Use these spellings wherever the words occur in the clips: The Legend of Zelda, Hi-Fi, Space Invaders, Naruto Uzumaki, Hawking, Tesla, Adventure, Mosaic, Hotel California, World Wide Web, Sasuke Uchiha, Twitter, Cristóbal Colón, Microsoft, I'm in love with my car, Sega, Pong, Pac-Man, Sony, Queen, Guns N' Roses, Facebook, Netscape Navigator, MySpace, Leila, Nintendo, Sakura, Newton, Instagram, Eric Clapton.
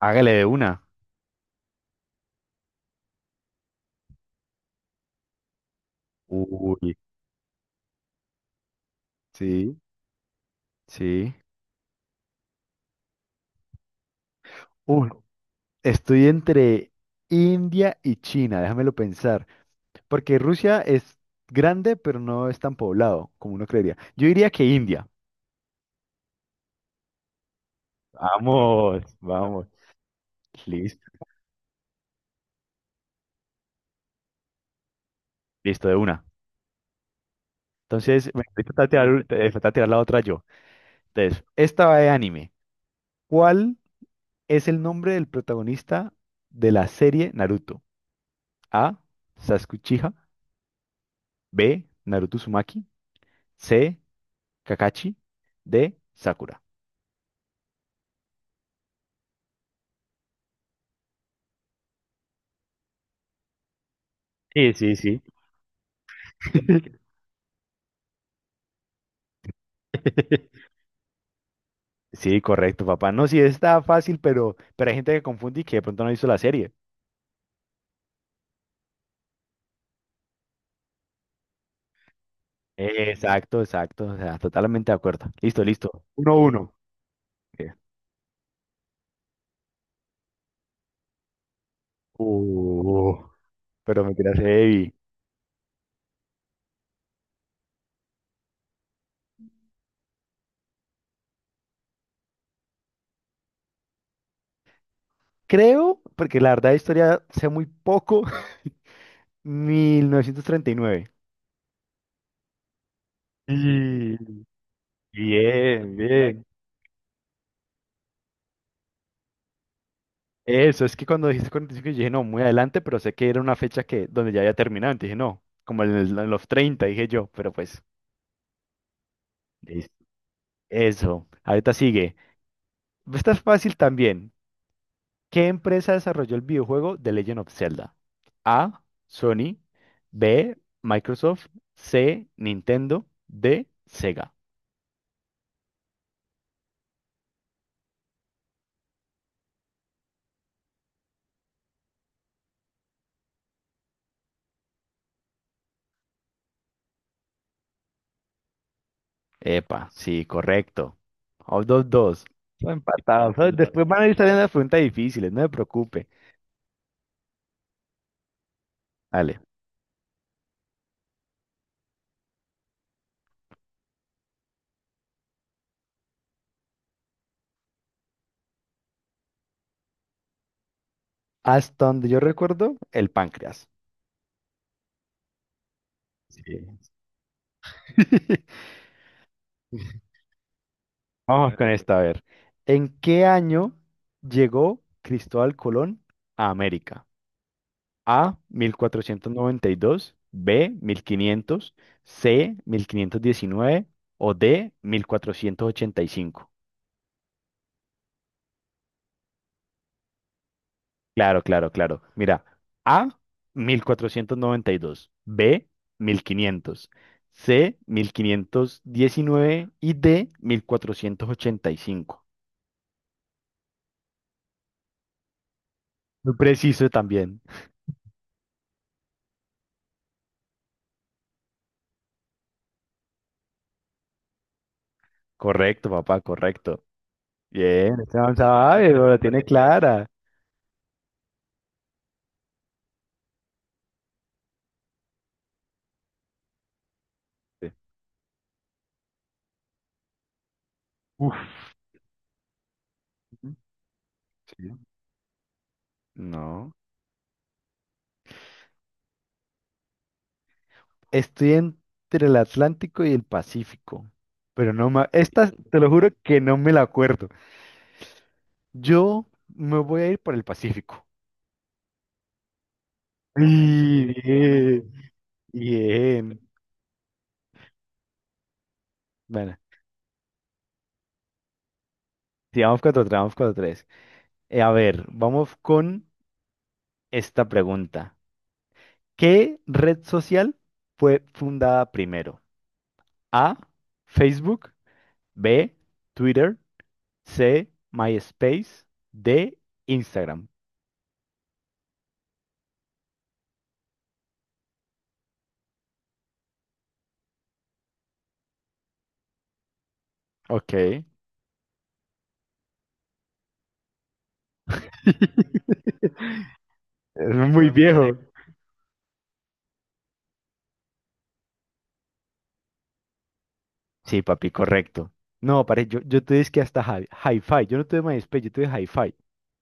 Hágale de una. Uy, sí, sí. Uy, estoy entre India y China, déjamelo pensar. Porque Rusia es grande, pero no es tan poblado como uno creería. Yo diría que India. Vamos, vamos. Listo, listo, de una. Entonces, me falta tirar, falta tirar la otra yo. Entonces, esta va de anime. ¿Cuál es el nombre del protagonista de la serie Naruto? A, Sasuke Uchiha. B, Naruto Uzumaki. C, Kakashi de Sakura. Sí, sí, sí. Sí, correcto, papá. No, sí, está fácil, pero hay gente que confunde y que de pronto no hizo la serie. Exacto, exacto. O sea, totalmente de acuerdo. Listo, listo. 1-1. Ok. Uh, Pero me tiras heavy. Creo, porque la verdad de historia sé muy poco. 1939. Sí. Bien, bien. Eso, es que cuando dijiste 45 yo dije, no, muy adelante, pero sé que era una fecha que donde ya había terminado, entonces dije, no, como en, en los treinta dije yo, pero pues, listo. Eso, ahorita sigue. Esta es fácil también. ¿Qué empresa desarrolló el videojuego The Legend of Zelda? A, Sony. B, Microsoft. C, Nintendo. D, Sega. Epa, sí, correcto. O 2-2, empatados. Después van a ir saliendo las preguntas difíciles, no se preocupe. Dale. Hasta donde yo recuerdo, el páncreas. Sí. Vamos con esta, a ver. ¿En qué año llegó Cristóbal Colón a América? A, 1492. B, 1500. C, 1519 o D, 1485. Claro, claro, claro. Mira, A, 1492. B, 1500. C, 1519 y D, 1485. Muy preciso también. Correcto, papá, correcto. Bien, este man sabe, pero la tiene clara. Uf. Sí. No. Estoy entre el Atlántico y el Pacífico, pero no más. Esta, te lo juro que no me la acuerdo. Yo me voy a ir por el Pacífico. Sí. Bien, bien. Bueno, sigamos con otro, vamos con otro tres. A ver, vamos con esta pregunta. ¿Qué red social fue fundada primero? A, Facebook. B, Twitter. C, MySpace. D, Instagram. Ok, es muy viejo. Sí, papi, correcto. No, pare, yo te dije que hasta Hi-Fi. Yo no tuve MySpace, yo tuve Hi-Fi.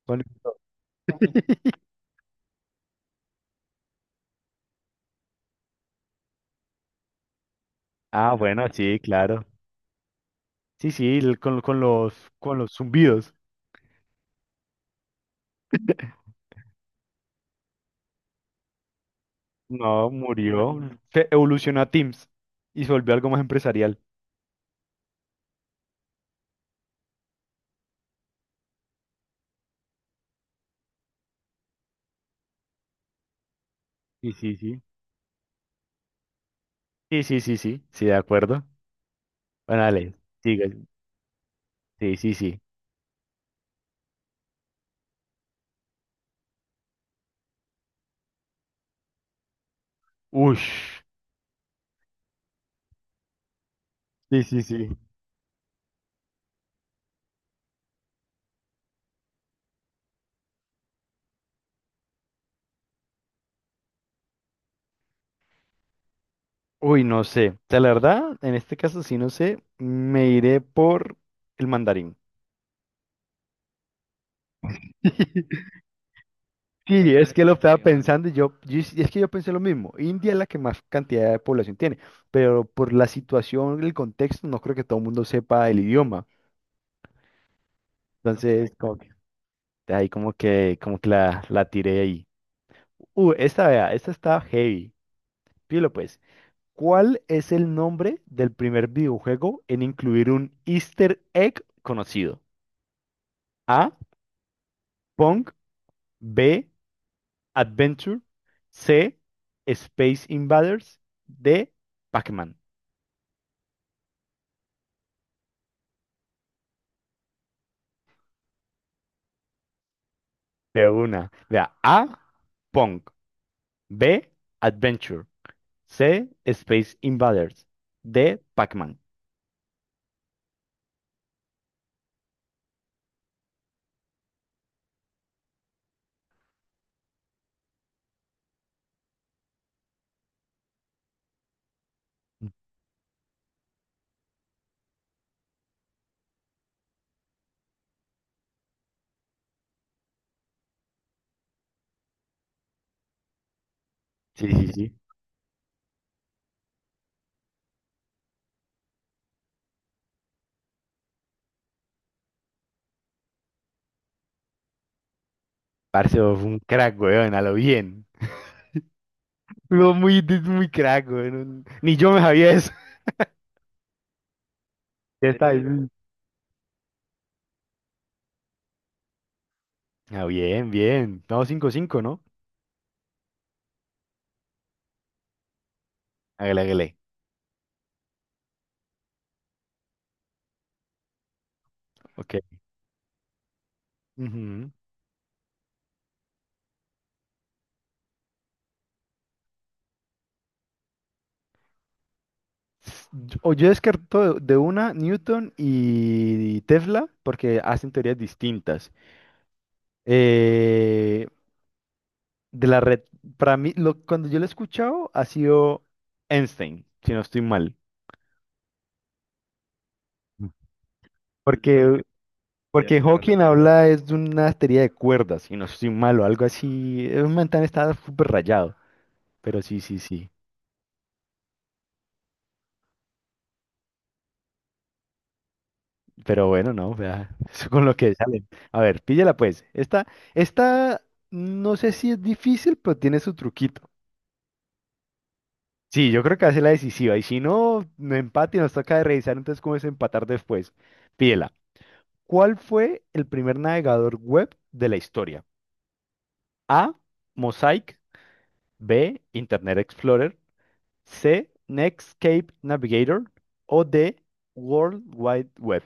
Con- Ah, bueno, sí, claro. Sí, sí, con los zumbidos. No, murió. Se evolucionó a Teams y se volvió algo más empresarial. Sí, sí, sí. Sí, sí, sí, sí, sí, de acuerdo. Bueno, dale, sigue. Sí, sí, sí. Ush. Sí, sí, sí. Uy, no sé. O sea, la verdad, en este caso, sí, no sé, me iré por el mandarín. Sí, es que lo estaba pensando y yo, y es que yo pensé lo mismo. India es la que más cantidad de población tiene, pero por la situación, el contexto, no creo que todo el mundo sepa el idioma. Entonces, como que, de ahí como que, la tiré ahí. Esta, vea, esta está heavy. Pilo, pues. ¿Cuál es el nombre del primer videojuego en incluir un Easter egg conocido? A, Pong. B, Adventure. C, Space Invaders. D, Pac-Man. De una. Vea, A, Pong. B, Adventure. C, Space Invaders. D, Pac-Man. Sí, sí, sí. Parce, vos fue un crack, weón, a lo bien. Fue muy, muy crack, weón. Ni yo me sabía eso. Ya está ahí. Ah, bien, bien. No, 5-5, ¿no? Hágale, hágale. Ok. Ujú. O yo descarto de una Newton y Tesla porque hacen teorías distintas. Eh, de la red, para mí, lo, cuando yo lo he escuchado, ha sido Einstein, si no estoy mal. Porque Ya Porque cierto, Hawking habla es de una teoría de cuerdas, y no estoy malo, algo así. Es un man tan está súper rayado. Pero sí, sí, sí. Pero bueno, no, vea, eso con lo que salen. A ver, píllala pues. Esta, no sé si es difícil, pero tiene su truquito. Sí, yo creo que hace la decisiva. Y si no, no empate y nos toca de revisar, entonces cómo es empatar después. Pídela. ¿Cuál fue el primer navegador web de la historia? A, Mosaic. B, Internet Explorer. C, Netscape Navigator o D, World Wide Web.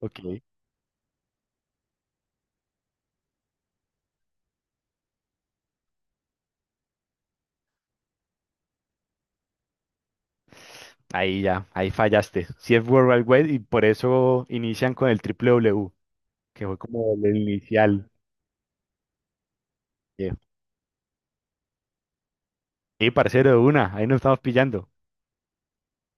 Ok. Ahí ya, ahí fallaste. Si es World Wide Web y por eso inician con el triple W, que fue como el inicial. Y parcero de una, ahí nos estamos pillando.